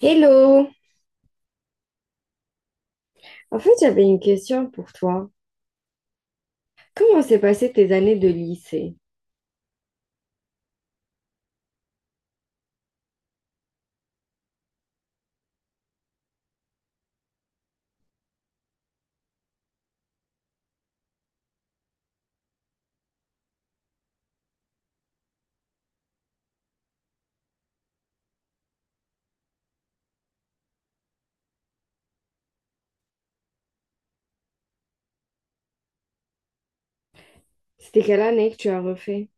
Hello! En fait, j'avais une question pour toi. Comment s'est passé tes années de lycée? C'était quelle année que tu as refait?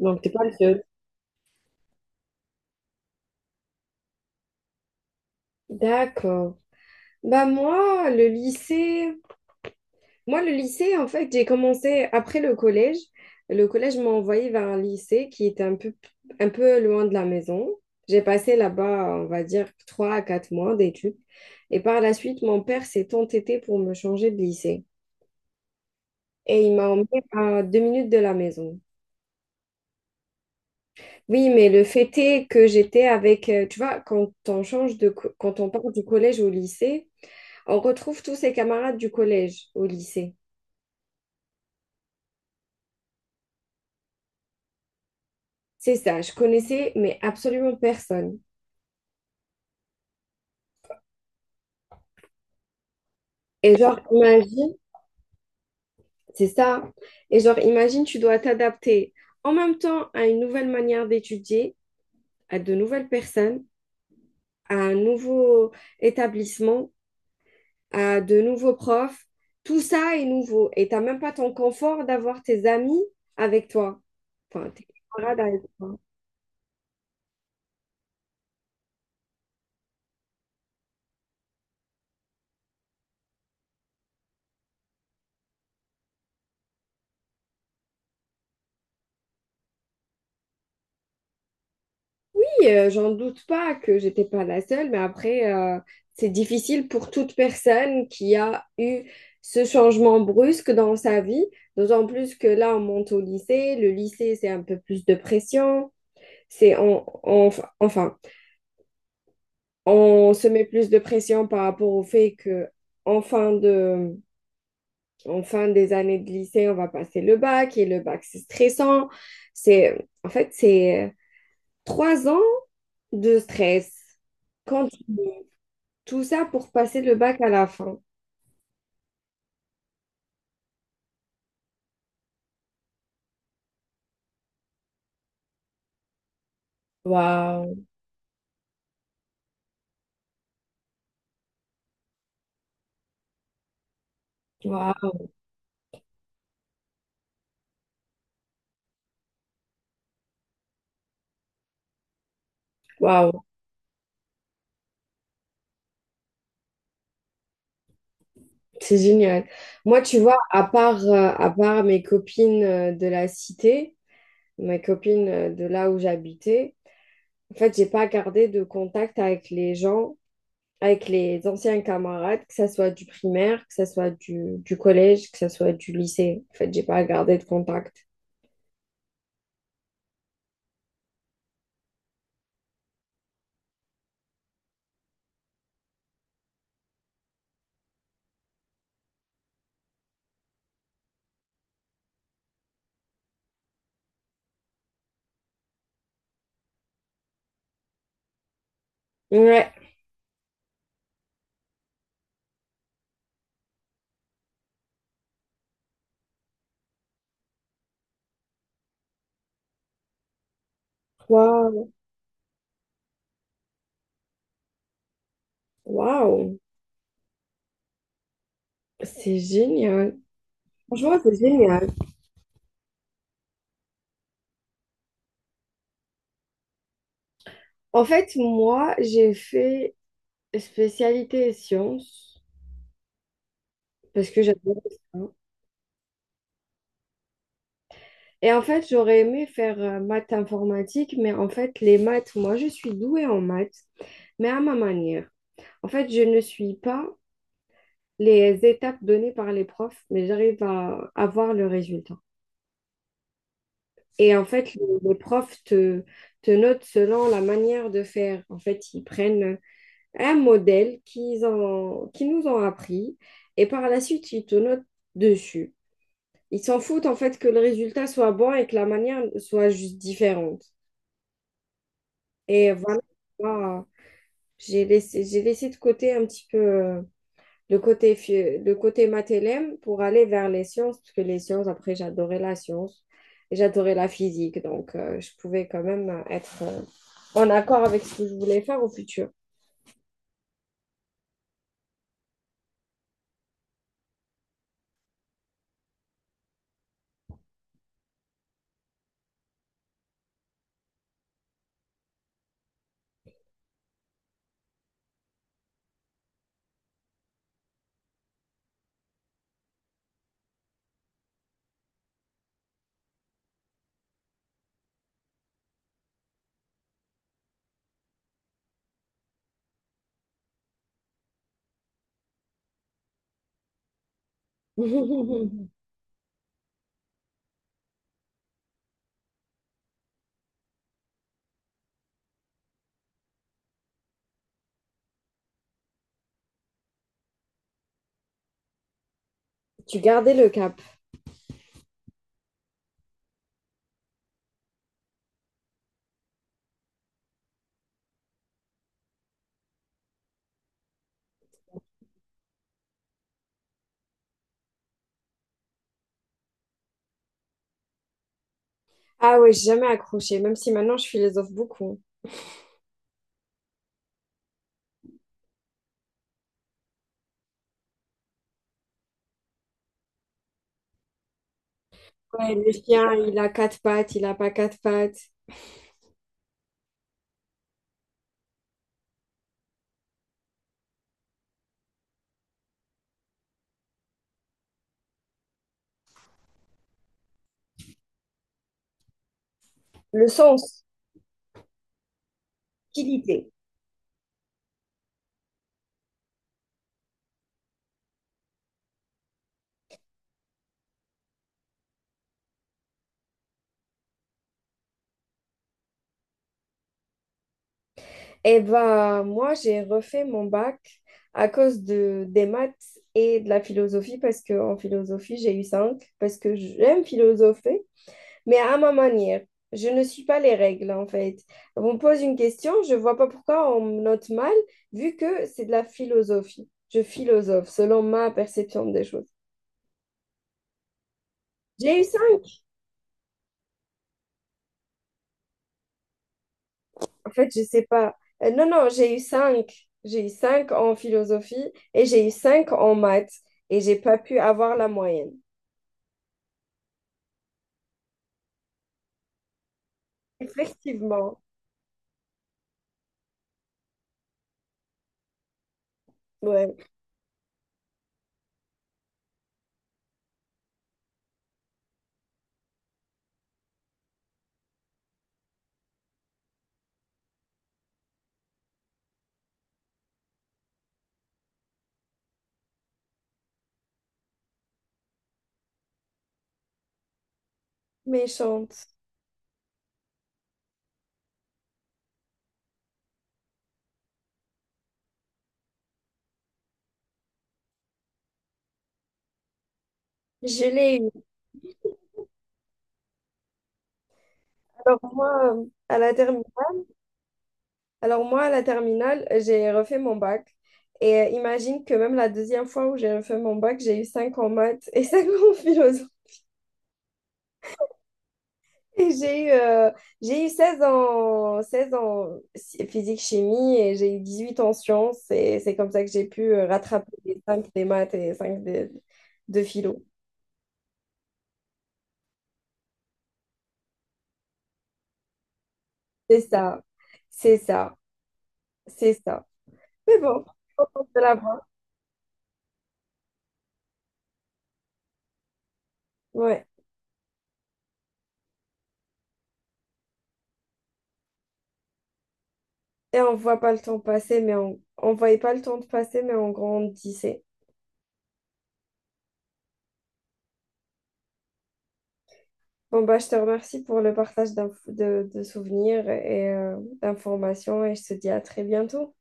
Donc, t'es pas le seul. D'accord. Bah moi, le lycée, moi le lycée, en fait, j'ai commencé après le collège. Le collège m'a envoyé vers un lycée qui était un peu loin de la maison. J'ai passé là-bas, on va dire, 3 à 4 mois d'études. Et par la suite, mon père s'est entêté pour me changer de lycée. Et il m'a emmené à 2 minutes de la maison. Oui, mais le fait est que j'étais avec, tu vois, quand on change de, co- quand on part du collège au lycée, on retrouve tous ses camarades du collège au lycée. C'est ça, je connaissais, mais absolument personne. Et genre, imagine, c'est ça. Et genre, imagine, tu dois t'adapter en même temps à une nouvelle manière d'étudier, à de nouvelles personnes, à un nouveau établissement, à de nouveaux profs. Tout ça est nouveau et t'as même pas ton confort d'avoir tes amis avec toi. Enfin, tes camarades avec toi. Oui, j'en doute pas que j'étais pas la seule, mais après, c'est difficile pour toute personne qui a eu ce changement brusque dans sa vie, d'autant plus que là, on monte au lycée. Le lycée, c'est un peu plus de pression. C'est on, on- enfin, on se met plus de pression par rapport au fait que en fin de en fin des années de lycée, on va passer le bac, et le bac, c'est stressant. C'est 3 ans de stress. Quand tout ça pour passer le bac à la fin. Waouh, waouh, waouh, c'est génial. Moi, tu vois, à part mes copines de la cité, mes copines de là où j'habitais, en fait, j'ai pas gardé de contact avec les gens avec les anciens camarades, que ça soit du primaire, que ça soit du collège, que ça soit du lycée. En fait, j'ai pas gardé de contact. Ouais. Waouh, waouh, c'est génial. Franchement, c'est génial. En fait, moi, j'ai fait spécialité sciences parce que j'adore ça. Et en fait, j'aurais aimé faire maths informatique, mais en fait, les maths, moi, je suis douée en maths, mais à ma manière. En fait, je ne suis pas les étapes données par les profs, mais j'arrive à avoir le résultat. Et en fait, les profs te notent selon la manière de faire. En fait, ils prennent un modèle qu'ils nous ont appris et par la suite, ils te notent dessus. Ils s'en foutent en fait que le résultat soit bon et que la manière soit juste différente. Et voilà, moi, j'ai laissé de côté un petit peu le le côté matélème pour aller vers les sciences, parce que les sciences, après, j'adorais la science et j'adorais la physique, donc je pouvais quand même être en accord avec ce que je voulais faire au futur. Tu gardais le cap. Ah ouais, j'ai jamais accroché, même si maintenant je philosophe beaucoup. Ouais, le chien, il a quatre pattes, il a pas quatre pattes. Le sens, utilité. Eh ben, moi, j'ai refait mon bac à cause des maths et de la philosophie, parce que en philosophie, j'ai eu 5 parce que j'aime philosopher, mais à ma manière. Je ne suis pas les règles, en fait. On me pose une question, je vois pas pourquoi on me note mal, vu que c'est de la philosophie. Je philosophe selon ma perception des choses. J'ai eu 5 en fait, je sais pas. Non, non, j'ai eu 5. J'ai eu 5 en philosophie et j'ai eu 5 en maths et j'ai pas pu avoir la moyenne. Effectivement, ouais, méchante. Je l'ai eu. Alors moi, euh, à la termi- Alors moi, à la terminale, j'ai refait mon bac. Et imagine que même la deuxième fois où j'ai refait mon bac, j'ai eu 5 en maths et 5 en philo. Et j'ai eu 16 en physique-chimie et j'ai eu 18 en sciences. Et c'est comme ça que j'ai pu rattraper les 5 des maths et les 5 de philo. C'est ça, c'est ça, c'est ça. Mais bon, je suis contente de l'avoir. Ouais. Et on voit pas le temps passer, mais on voyait pas le temps de passer, mais on grandissait. Bon, bah, je te remercie pour le partage de souvenirs et d'informations et je te dis à très bientôt.